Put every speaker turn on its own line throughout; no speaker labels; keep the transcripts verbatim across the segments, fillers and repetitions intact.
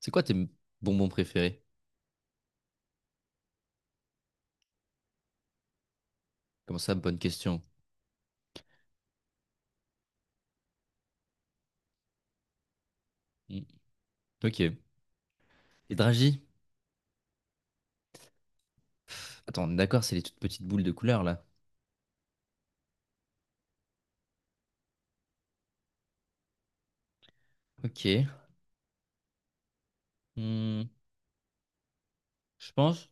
C'est quoi tes bonbons préférés? Comment ça, bonne question. Hmm. Ok. Les Dragis? Attends, on est d'accord, c'est les toutes petites boules de couleur là. Ok. Hmm. Je pense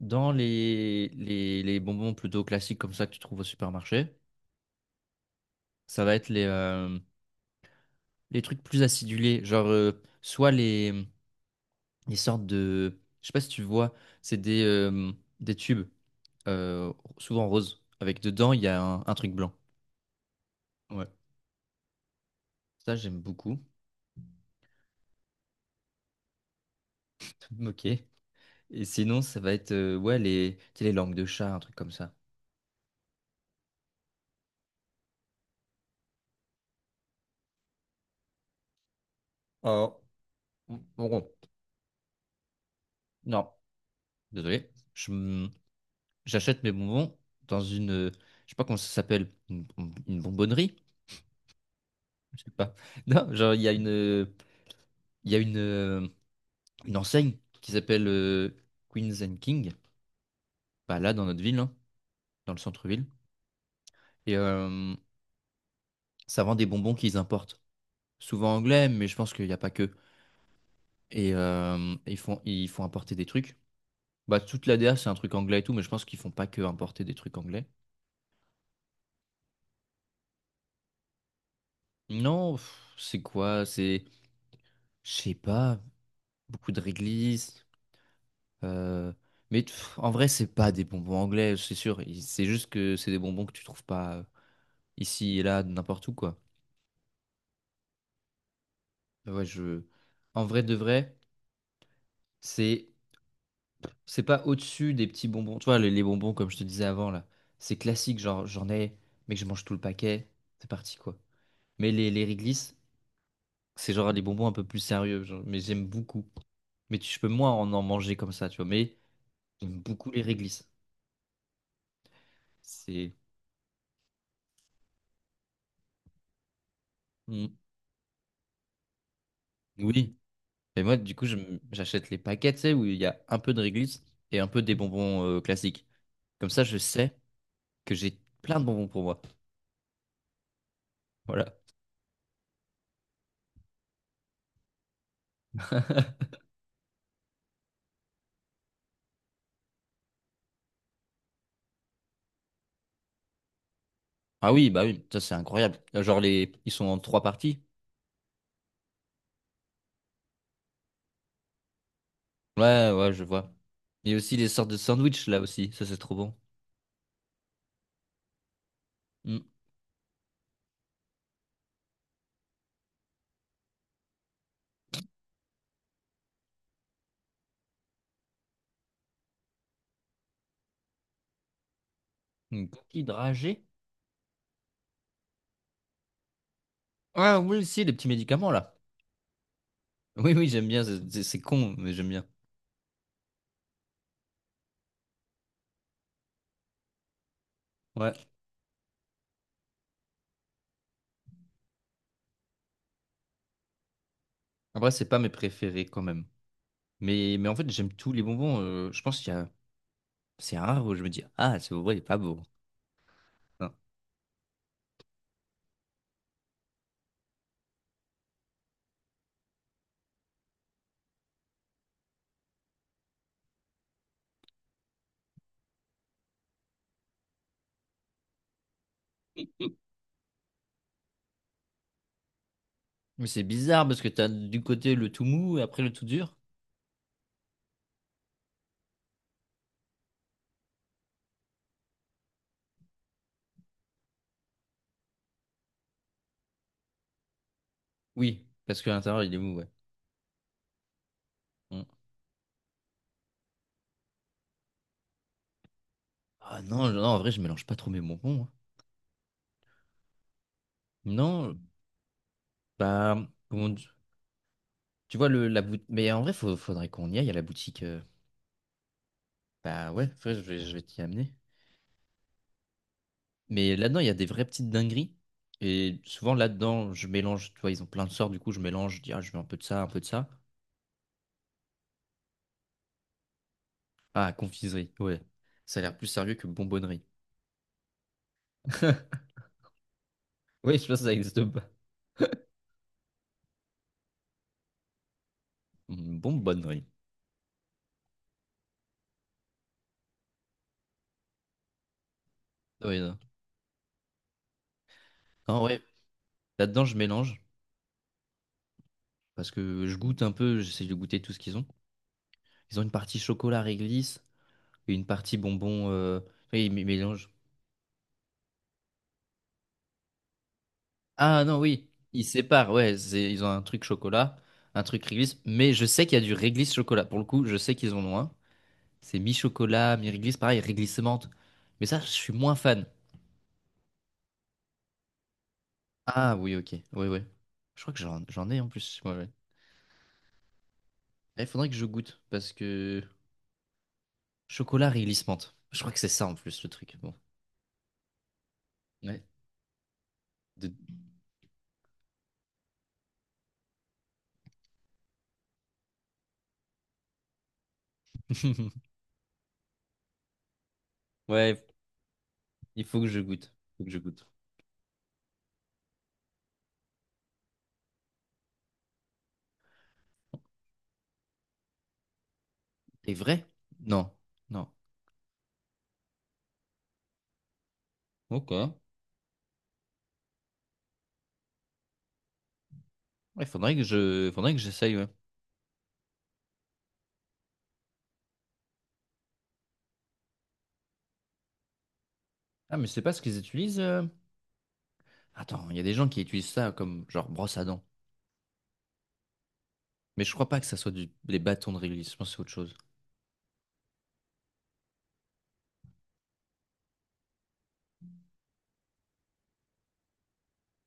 dans les, les, les bonbons plutôt classiques comme ça que tu trouves au supermarché, ça va être les, euh, les trucs plus acidulés. Genre, euh, soit les, les sortes de. Je sais pas si tu vois, c'est des, euh, des tubes, euh, souvent roses, avec dedans il y a un, un truc blanc. Ouais. Ça, j'aime beaucoup. Ok. Et sinon, ça va être euh, ouais, les, tu sais, les langues de chat, un truc comme ça. Oh, bon, bon, non, désolé. Je, m- j'achète mes bonbons dans une, euh, je sais pas comment ça s'appelle, une, bon- une bonbonnerie, je sais pas. Non, genre il y a une, euh, il y a une, euh, une enseigne qui s'appelle euh, Queens and King, bah là dans notre ville, hein, dans le centre-ville. Et euh, ça vend des bonbons qu'ils importent, souvent anglais, mais je pense qu'il n'y a pas que. Et euh, ils font, ils font importer des trucs. Bah, toute la D A, c'est un truc anglais et tout, mais je pense qu'ils font pas que importer des trucs anglais. Non, pff, c'est quoi? C'est, je sais pas, beaucoup de réglisse. euh, Mais pff, en vrai, c'est pas des bonbons anglais, c'est sûr. Il- C'est juste que c'est des bonbons que tu trouves pas euh, ici et là, n'importe où, quoi. Ouais, je... en vrai de vrai, c'est c'est pas au-dessus des petits bonbons. Tu vois, les, les bonbons, comme je te disais avant, là, c'est classique, genre j'en ai, mais que je mange tout le paquet. C'est parti, quoi. Mais les, les réglisse, c'est genre les bonbons un peu plus sérieux, genre, mais j'aime beaucoup. Mais tu, je peux moins en en manger comme ça, tu vois. Mais j'aime beaucoup les réglisses. C'est. Mm. Oui. Et moi, du coup, je m- j'achète les paquets, tu sais, où il y a un peu de réglisse et un peu des bonbons euh, classiques. Comme ça, je sais que j'ai plein de bonbons pour moi. Voilà. Ah oui, bah oui, ça c'est incroyable. Euh, Genre les, ils sont en trois parties. Ouais, ouais, je vois. Il y a aussi des sortes de sandwich là aussi, ça c'est trop bon. Mm. Une coquille dragée. Ah oui, si, les petits médicaments là. Oui, oui, j'aime bien. C'est c'est- c'est con, mais j'aime bien. Ouais. Après, c'est pas mes préférés quand même. Mais, mais en fait, j'aime tous les bonbons. Euh, je pense qu'il y a... C'est rare où je me dis, ah, c'est vrai il est pas beau. Hein. Mais c'est bizarre parce que t'as du côté le tout mou et après le tout dur. Oui, parce que l'intérieur, il est mou, ouais. Mm. Ah non, je- non, en vrai, je mélange pas trop mes bonbons. Hein. Non, bah, comment... di- Tu vois, le, la boutique. Mais en vrai, faut- faudrait qu'on y aille à la boutique. euh. Bah ouais, faudrait- je vais, je vais t'y amener. Mais là-dedans, il y a des vraies petites dingueries. Et souvent, là-dedans, je mélange. Tu vois, ils ont plein de sorts. Du coup, je mélange. Je dis, ah, je veux un peu de ça, un peu de ça. Ah, confiserie. Ouais. Ça a l'air plus sérieux que bonbonnerie. Oui, je pense que ça existe pas. Hum, Bonbonnerie. Oui, non. Non, ouais. Là-dedans, je mélange. Parce que je goûte un peu. J'essaie de goûter tout ce qu'ils ont. Ils ont une partie chocolat réglisse et une partie bonbon. Euh... oui, ils mé- mélangent. Ah non, oui, ils séparent, ouais, c'est- ils ont un truc chocolat, un truc réglisse, mais je sais qu'il y a du réglisse chocolat. Pour le coup, je sais qu'ils en ont un. C'est mi-chocolat, mi-réglisse, pareil, réglisse menthe. Mais ça, je suis moins fan. Ah oui, ok, oui, oui. Je crois que j'en j'en ai en plus. Ouais, ouais. Eh, il faudrait que je goûte, parce que chocolat, réglisse menthe. Je crois que c'est ça en plus le truc. Bon, ouais. De- Ouais, il faut que je goûte. Faut que je goûte. C'est vrai? Non, non. Ok. Il faudrait que je, Faudrait que j'essaye, ouais. Ah, mais c'est pas ce qu'ils utilisent. euh. Attends, il y a des gens qui utilisent ça comme genre brosse à dents. Mais je crois pas que ça soit du... des bâtons de réglisse. Je pense que c'est autre chose.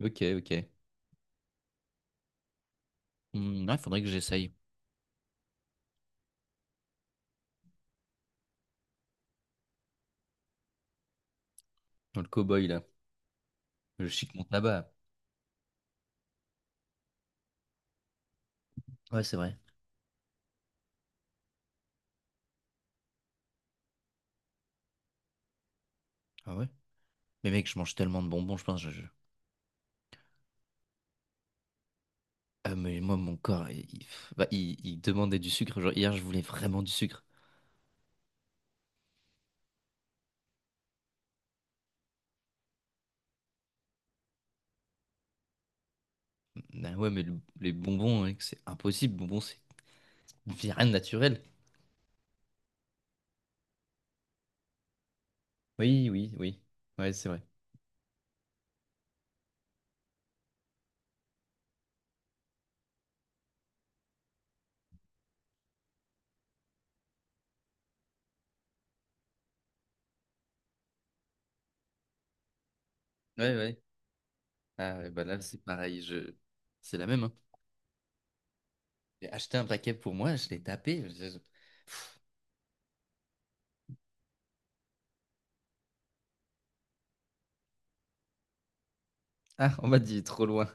Ok, ok. Hmm, ouais, faudrait que j'essaye. Dans le cow-boy, là. Le chic mon tabac. Ouais, c'est vrai. Ah ouais? Mais mec, je mange tellement de bonbons, je pense. Je... je- Ah, mais moi, mon corps, il... il- bah, il... il demandait du sucre. Genre, hier, je voulais vraiment du sucre. Ah ouais, mais le- les bonbons, mec, c'est impossible. Bonbons, c'est c'est rien de naturel. Oui, oui, oui. Ouais, c'est vrai. Ouais, ouais. Ah, ouais, bah là, c'est pareil. Je... C'est la même, hein. J'ai acheté un paquet pour moi, je l'ai tapé. je- Ah, on m'a dit trop loin.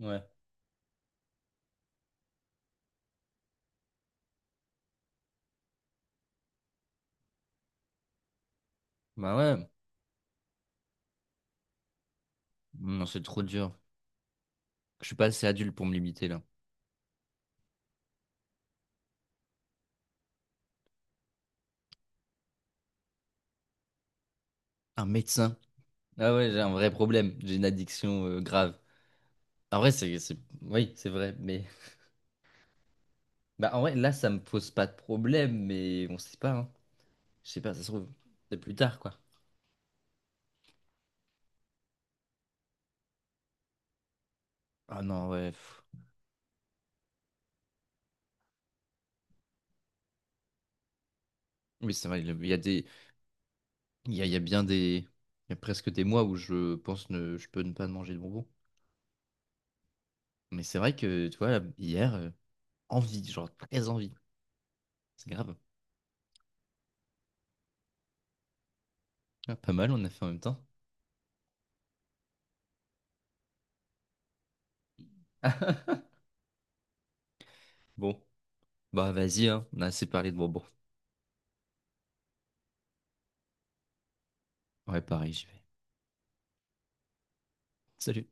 Ouais. Bah ouais. Mmh, non, c'est trop dur. Je suis pas assez adulte pour me limiter là. Un médecin. Ah ouais, j'ai un vrai problème. J'ai une addiction euh, grave. En vrai, c'est, c'est- oui, c'est vrai. Mais. Bah en vrai, là, ça me pose pas de problème, mais on sait pas, hein. Je sais pas, ça se trouve. C'est plus tard, quoi. Ah non, ouais. pff. Oui, c'est vrai. Il y a des. Il y a, il y a bien des. Il y a presque des mois où je pense ne je peux ne pas manger de bonbons. Mais c'est vrai que, tu vois, hier. Envie, genre très envie. C'est grave. Ah, pas mal, on a fait en même temps. Bon, bah vas-y, hein. On a assez parlé de bonbons. Ouais, pareil, j'y vais. Salut.